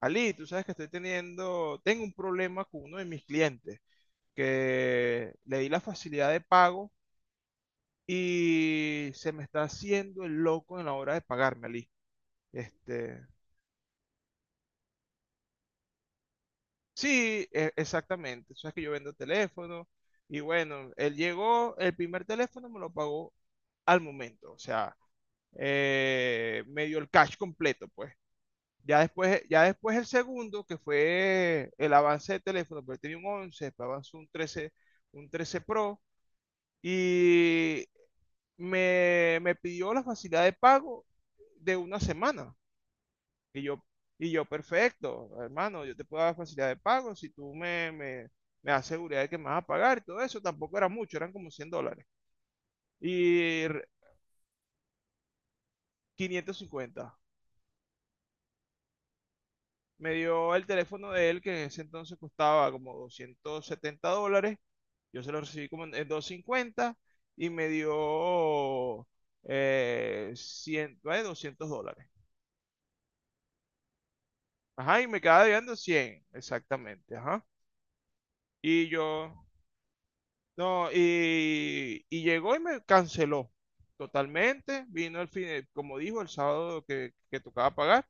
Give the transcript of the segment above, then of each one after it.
Ali, tú sabes que tengo un problema con uno de mis clientes, que le di la facilidad de pago y se me está haciendo el loco en la hora de pagarme, Ali. Este, sí, exactamente. Tú sabes que yo vendo teléfonos y bueno, él llegó, el primer teléfono me lo pagó al momento, o sea, me dio el cash completo, pues. Ya después el segundo, que fue el avance de teléfono, porque tenía un once, después avanzó un trece, un 13 Pro, y me pidió la facilidad de pago de una semana. Y yo, y yo, perfecto, hermano, yo te puedo dar facilidad de pago si tú me das seguridad de que me vas a pagar y todo eso. Tampoco era mucho, eran como $100. Y 550. Me dio el teléfono de él, que en ese entonces costaba como $270. Yo se lo recibí como en 250, y me dio 100, $200. Ajá, y me quedaba debiendo 100, exactamente. Ajá. Y yo, no, y llegó y me canceló totalmente. Vino el fin, como dijo, el sábado que tocaba pagar.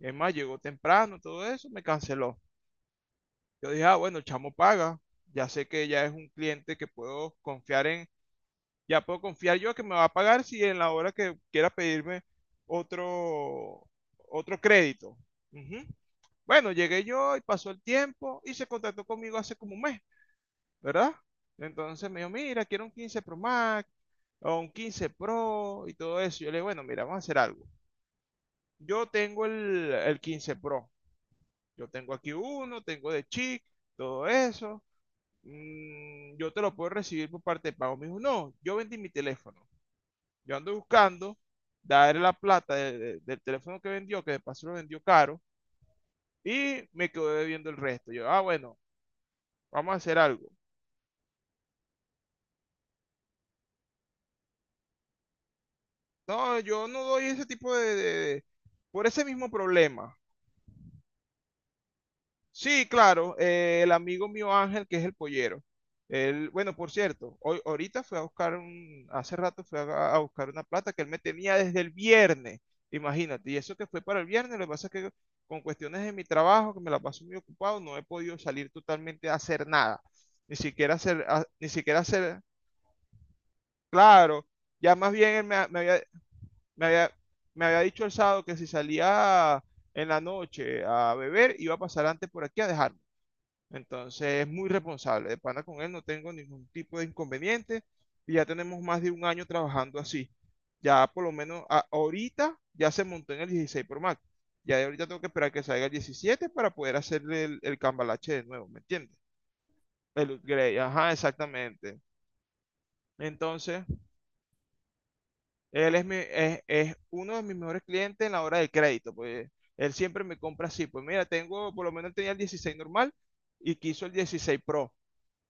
Es más, llegó temprano, todo eso, me canceló. Yo dije, ah, bueno, el chamo paga. Ya sé que ya es un cliente que puedo confiar en, ya puedo confiar yo que me va a pagar si en la hora que quiera pedirme otro, otro crédito. Ujú. Bueno, llegué yo y pasó el tiempo y se contactó conmigo hace como un mes, ¿verdad? Entonces me dijo, mira, quiero un 15 Pro Max o un 15 Pro y todo eso. Yo le digo, bueno, mira, vamos a hacer algo. Yo tengo el 15 Pro. Yo tengo aquí uno, tengo de chic, todo eso. Yo te lo puedo recibir por parte de pago. Me dijo, no, yo vendí mi teléfono. Yo ando buscando darle la plata del teléfono que vendió, que de paso lo vendió caro, y me quedó debiendo el resto. Yo, ah, bueno, vamos a hacer algo. No, yo no doy ese tipo por ese mismo problema. Sí, claro, el amigo mío Ángel, que es el pollero. Él, bueno, por cierto, hoy, ahorita fue a buscar un, hace rato fue a buscar una plata que él me tenía desde el viernes, imagínate, y eso que fue para el viernes. Lo que pasa es que con cuestiones de mi trabajo, que me la paso muy ocupado, no he podido salir totalmente a hacer nada, ni siquiera hacer, a- ni siquiera hacer, claro, ya más bien él me, ha- me había, me había, me había dicho el sábado que si salía en la noche a beber, iba a pasar antes por aquí a dejarme. Entonces es muy responsable. De pana con él no tengo ningún tipo de inconveniente. Y ya tenemos más de un año trabajando así. Ya por lo menos ahorita ya se montó en el 16 Pro Max. Ya de ahorita tengo que esperar que salga el 17 para poder hacerle el cambalache de nuevo, ¿me entiendes? El upgrade, ajá, exactamente. Entonces, él es, es uno de mis mejores clientes en la hora del crédito, pues él siempre me compra así. Pues mira, tengo, por lo menos tenía el 16 normal y quiso el 16 Pro.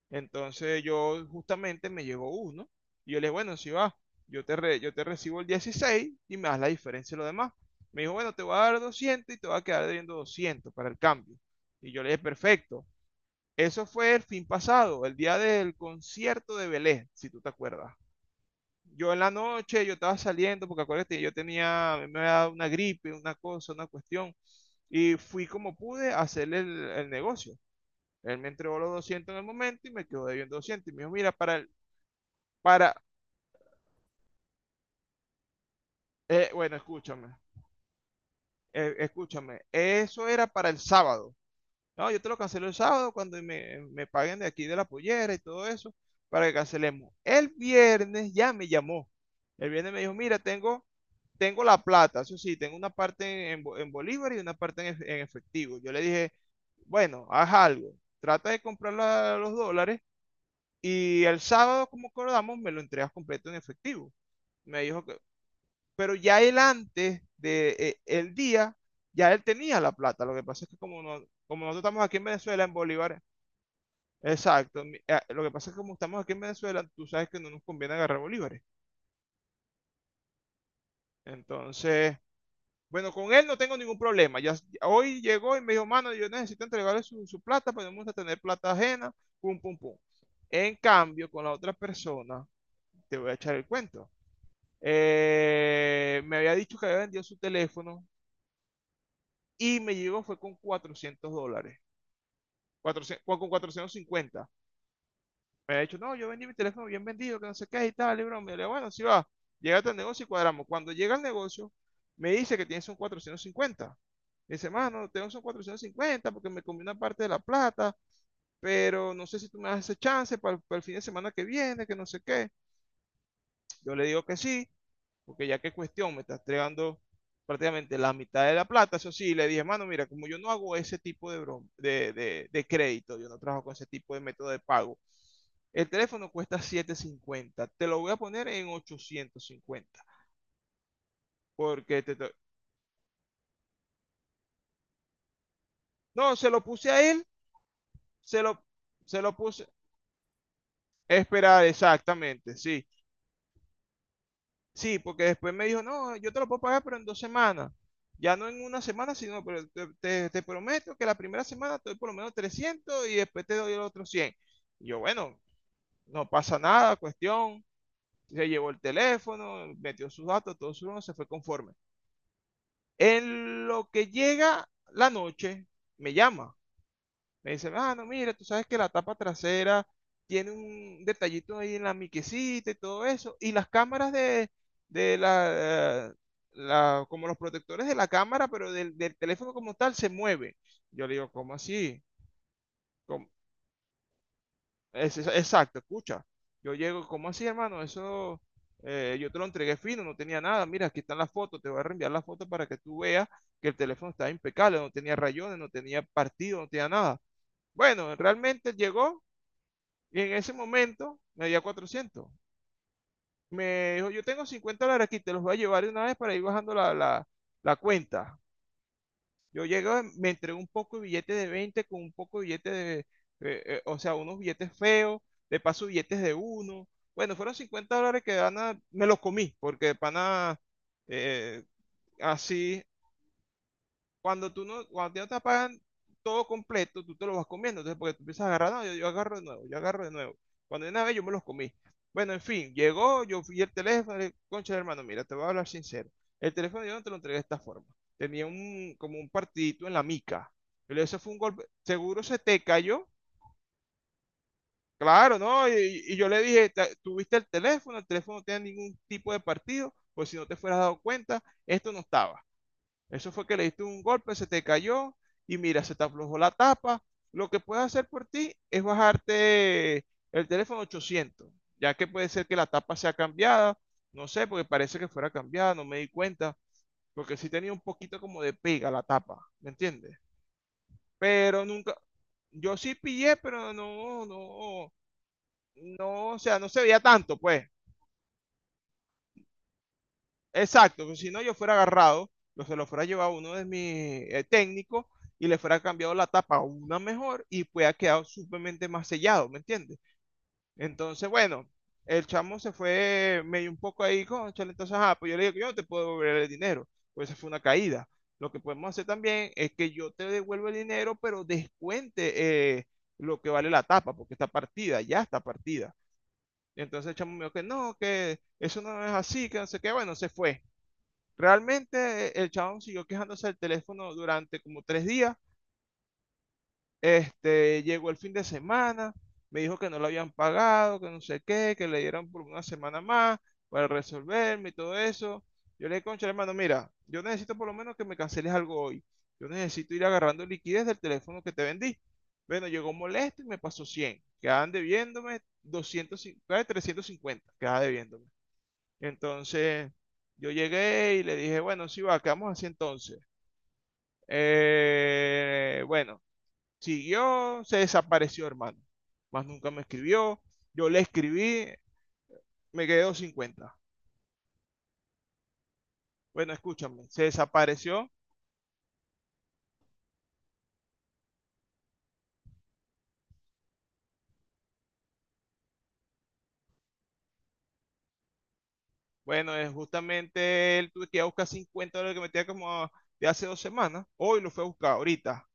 Entonces yo justamente me llegó uno y yo le dije, bueno, si va, yo te recibo el 16 y me das la diferencia de lo demás. Me dijo, bueno, te voy a dar 200 y te va a quedar debiendo 200 para el cambio. Y yo le dije, perfecto. Eso fue el fin pasado, el día del concierto de Belén, si tú te acuerdas. Yo en la noche, yo estaba saliendo, porque acuérdate, yo tenía, me había dado una gripe, una cosa, una cuestión, y fui como pude a hacer el negocio. Él me entregó los 200 en el momento y me quedó debiendo 200. Y me dijo, mira, para el, para, eh, bueno, escúchame, escúchame, eso era para el sábado. No, yo te lo cancelo el sábado cuando me paguen de aquí de la pollera y todo eso, para que cancelemos. El viernes ya me llamó. El viernes me dijo, mira, tengo, tengo la plata, eso sí, tengo una parte en bolívar y una parte en efectivo. Yo le dije, bueno, haz algo, trata de comprar los dólares. Y el sábado, como acordamos, me lo entregas completo en efectivo. Me dijo que, pero ya él antes del de el día, ya él tenía la plata. Lo que pasa es que como, no, como nosotros estamos aquí en Venezuela, en bolívares, exacto. Lo que pasa es que como estamos aquí en Venezuela, tú sabes que no nos conviene agarrar bolívares. Entonces, bueno, con él no tengo ningún problema. Ya hoy llegó y me dijo, mano, yo necesito entregarle su plata, pero no me gusta tener plata ajena, pum, pum, pum. En cambio, con la otra persona, te voy a echar el cuento. Me había dicho que había vendido su teléfono y me llegó fue con $400, 400 con 450. Me había dicho, no, yo vendí mi teléfono bien vendido, que no sé qué y tal, y broma. Me dijo, bueno, sí va, llega al negocio y cuadramos. Cuando llega al negocio, me dice que tienes un 450. Me dice, mano, tengo, son 450 porque me comí una parte de la plata, pero no sé si tú me das ese chance para el fin de semana que viene, que no sé qué. Yo le digo que sí, porque ya que cuestión, me está entregando prácticamente la mitad de la plata. Eso sí, le dije, mano, mira, como yo no hago ese tipo de, broma, de crédito, yo no trabajo con ese tipo de método de pago. El teléfono cuesta 750. Te lo voy a poner en 850, porque te No, se lo puse a él, se lo, se lo puse... Esperar, exactamente, sí. Sí, porque después me dijo, no, yo te lo puedo pagar, pero en 2 semanas. Ya no en 1 semana, sino, pero te, te prometo que la primera semana te doy por lo menos 300 y después te doy el otro 100. Y yo, bueno, no pasa nada, cuestión. Se llevó el teléfono, metió sus datos, todo su se fue conforme. En lo que llega la noche, me llama. Me dicen, ah, no, mira, tú sabes que la tapa trasera tiene un detallito ahí en la miquecita y todo eso. Y las cámaras de la, como los protectores de la cámara, pero del, del teléfono como tal, se mueve. Yo le digo, ¿cómo así? ¿Cómo? Exacto, escucha. Yo llego, ¿cómo así, hermano? Eso yo te lo entregué fino, no tenía nada. Mira, aquí están las fotos, te voy a reenviar las fotos para que tú veas que el teléfono estaba impecable, no tenía rayones, no tenía partido, no tenía nada. Bueno, realmente llegó. Y en ese momento me dio cuatrocientos. Me dijo, yo tengo $50 aquí, te los voy a llevar de una vez para ir bajando la cuenta. Yo llego, me entregó un poco de billetes de 20 con un poco de billetes de, o sea, unos billetes feos, de paso billetes de uno. Bueno, fueron $50 que de pana me los comí, porque de pana eh, así, cuando tú no, cuando ya te pagan todo completo, tú te lo vas comiendo. Entonces, porque tú empiezas a agarrar, no, yo agarro de nuevo, yo agarro de nuevo. Cuando de una vez yo me los comí. Bueno, en fin, llegó, yo fui el teléfono, concha de hermano, mira, te voy a hablar sincero. El teléfono yo no te lo entregué de esta forma. Tenía un, como un partidito en la mica. Yo le dije, eso fue un golpe, seguro se te cayó. Claro, ¿no? Y yo le dije, Tuviste el teléfono no tenía ningún tipo de partido, pues si no te fueras dado cuenta, esto no estaba. Eso fue que le diste un golpe, se te cayó y mira, se te aflojó la tapa. Lo que puedes hacer por ti es bajarte el teléfono 800, ya que puede ser que la tapa sea cambiada. No sé, porque parece que fuera cambiada, no me di cuenta, porque sí tenía un poquito como de pega la tapa, ¿me entiendes? Pero nunca, yo sí pillé, pero no, no, no, o sea, no se veía tanto, pues. Exacto, pues si no yo fuera agarrado, se lo fuera llevado a uno de mis técnicos y le fuera cambiado la tapa a una mejor y pues ha quedado suplemente más sellado, ¿me entiendes? Entonces, bueno, el chamo se fue medio un poco ahí, cónchale. Entonces, ajá, pues yo le digo que yo no te puedo devolver el dinero, pues esa fue una caída. Lo que podemos hacer también es que yo te devuelvo el dinero, pero descuente lo que vale la tapa, porque está partida, ya está partida. Entonces el chamo me dijo que no, que eso no es así, que no sé qué. Bueno, se fue. Realmente el chabón siguió quejándose del teléfono durante como 3 días. Llegó el fin de semana, me dijo que no lo habían pagado, que no sé qué, que le dieron por una semana más para resolverme y todo eso. Yo le dije, concha, hermano, mira, yo necesito por lo menos que me canceles algo hoy. Yo necesito ir agarrando liquidez del teléfono que te vendí. Bueno, llegó molesto y me pasó 100. Quedaban debiéndome 200, 50, 350 quedaba debiéndome. Entonces, yo llegué y le dije, bueno, sí va, ¿qué vamos así entonces? Bueno, siguió, se desapareció, hermano. Más nunca me escribió. Yo le escribí, me quedó 50. Bueno, escúchame, se desapareció. Bueno, es justamente él, tuve que ir a buscar $50 que me tenía como de hace 2 semanas. Hoy lo fue a buscar, ahorita.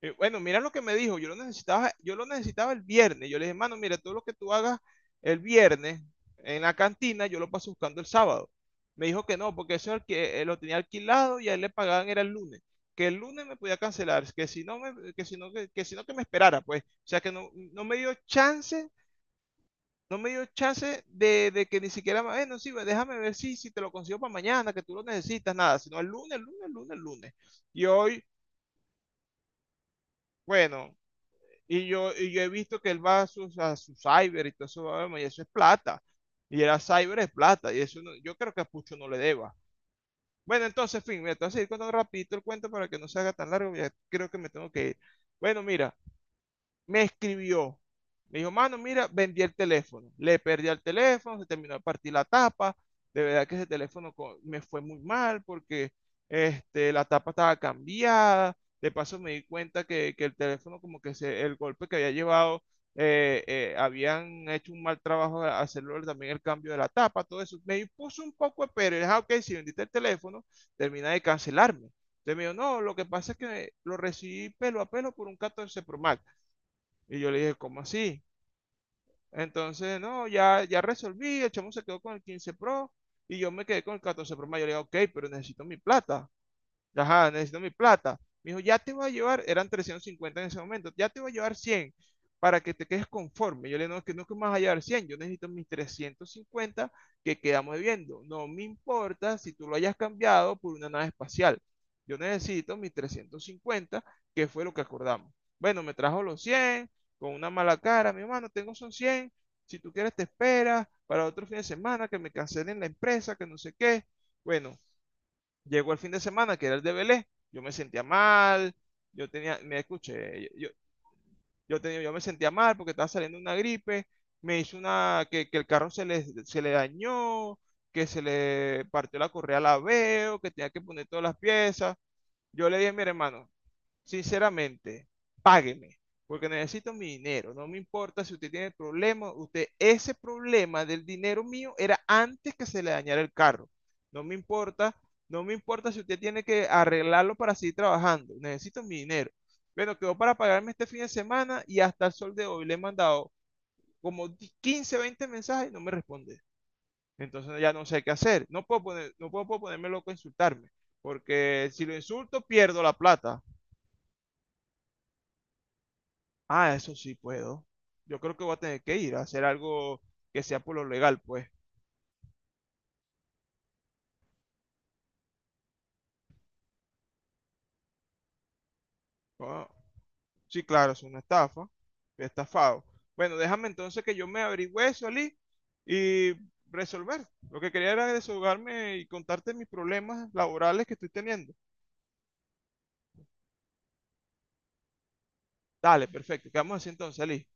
Bueno, mira lo que me dijo, yo lo necesitaba el viernes. Yo le dije, mano, mira, todo lo que tú hagas el viernes en la cantina, yo lo paso buscando el sábado. Me dijo que no, porque eso que lo tenía alquilado y a él le pagaban era el lunes. Que el lunes me podía cancelar, que si no me, que si no, que si no que me esperara, pues. O sea que no, no me dio chance, no me dio chance de que ni siquiera, bueno, sí, pues, déjame ver si te lo consigo para mañana, que tú lo necesitas, nada, sino el lunes, el lunes, el lunes, el lunes. Y hoy, bueno, y yo he visto que él va a su cyber y todo eso, vamos, y eso es plata. Y era cyber es plata. Y eso no- yo creo que a Pucho no le deba. Bueno, entonces, en fin, me voy a seguir contando rapidito el cuento para que no se haga tan largo. Ya creo que me tengo que ir. Bueno, mira, me escribió. Me dijo, mano, mira, vendí el teléfono. Le perdí el teléfono, se terminó de partir la tapa. De verdad que ese teléfono co- me fue muy mal porque la tapa estaba cambiada. De paso me di cuenta que el teléfono, como que se- el golpe que había llevado, habían hecho un mal trabajo a- hacerlo también el cambio de la tapa, todo eso. Me puso un poco de pero. Y dije, "Ah, ok, si vendiste el teléfono, termina de cancelarme". Entonces me dijo, no, lo que pasa es que lo recibí pelo a pelo por un 14 Pro Max. Y yo le dije, ¿cómo así? Entonces, no, ya, ya resolví, el chamo se quedó con el 15 Pro y yo me quedé con el 14 Pro Max. Yo le dije, ok, pero necesito mi plata. Ajá, necesito mi plata. Me dijo, ya te voy a llevar, eran 350 en ese momento, ya te voy a llevar 100 para que te quedes conforme. Yo le digo, no, es que no que me vas a llevar 100, yo necesito mis 350 que quedamos debiendo. No me importa si tú lo hayas cambiado por una nave espacial. Yo necesito mis 350 que fue lo que acordamos. Bueno, me trajo los 100 con una mala cara, mi hermano, tengo son 100, si tú quieres te esperas para otro fin de semana, que me cancelen la empresa, que no sé qué. Bueno, llegó el fin de semana, que era el de Belé, yo me sentía mal, yo tenía, me escuché, yo, tenía, yo me sentía mal porque estaba saliendo una gripe, me hizo una, que el carro se le dañó, que se le partió la correa a la veo, que tenía que poner todas las piezas. Yo le dije, mire hermano, sinceramente, págueme, porque necesito mi dinero. No me importa si usted tiene problemas, usted, ese problema del dinero mío era antes que se le dañara el carro. No me importa, no me importa si usted tiene que arreglarlo para seguir trabajando. Necesito mi dinero. Bueno, quedó para pagarme este fin de semana y hasta el sol de hoy le he mandado como 15 20 mensajes y no me responde. Entonces ya no sé qué hacer. No puedo, poner, no puedo, puedo ponerme loco a insultarme, porque si lo insulto pierdo la plata. Ah, eso sí puedo. Yo creo que voy a tener que ir a hacer algo que sea por lo legal, pues. Ah, sí, claro, es una estafa. Fui estafado. Bueno, déjame entonces que yo me averigüe eso, Ali, y resolver. Lo que quería era desahogarme y contarte mis problemas laborales que estoy teniendo. Dale, perfecto. Quedamos así entonces, Ali.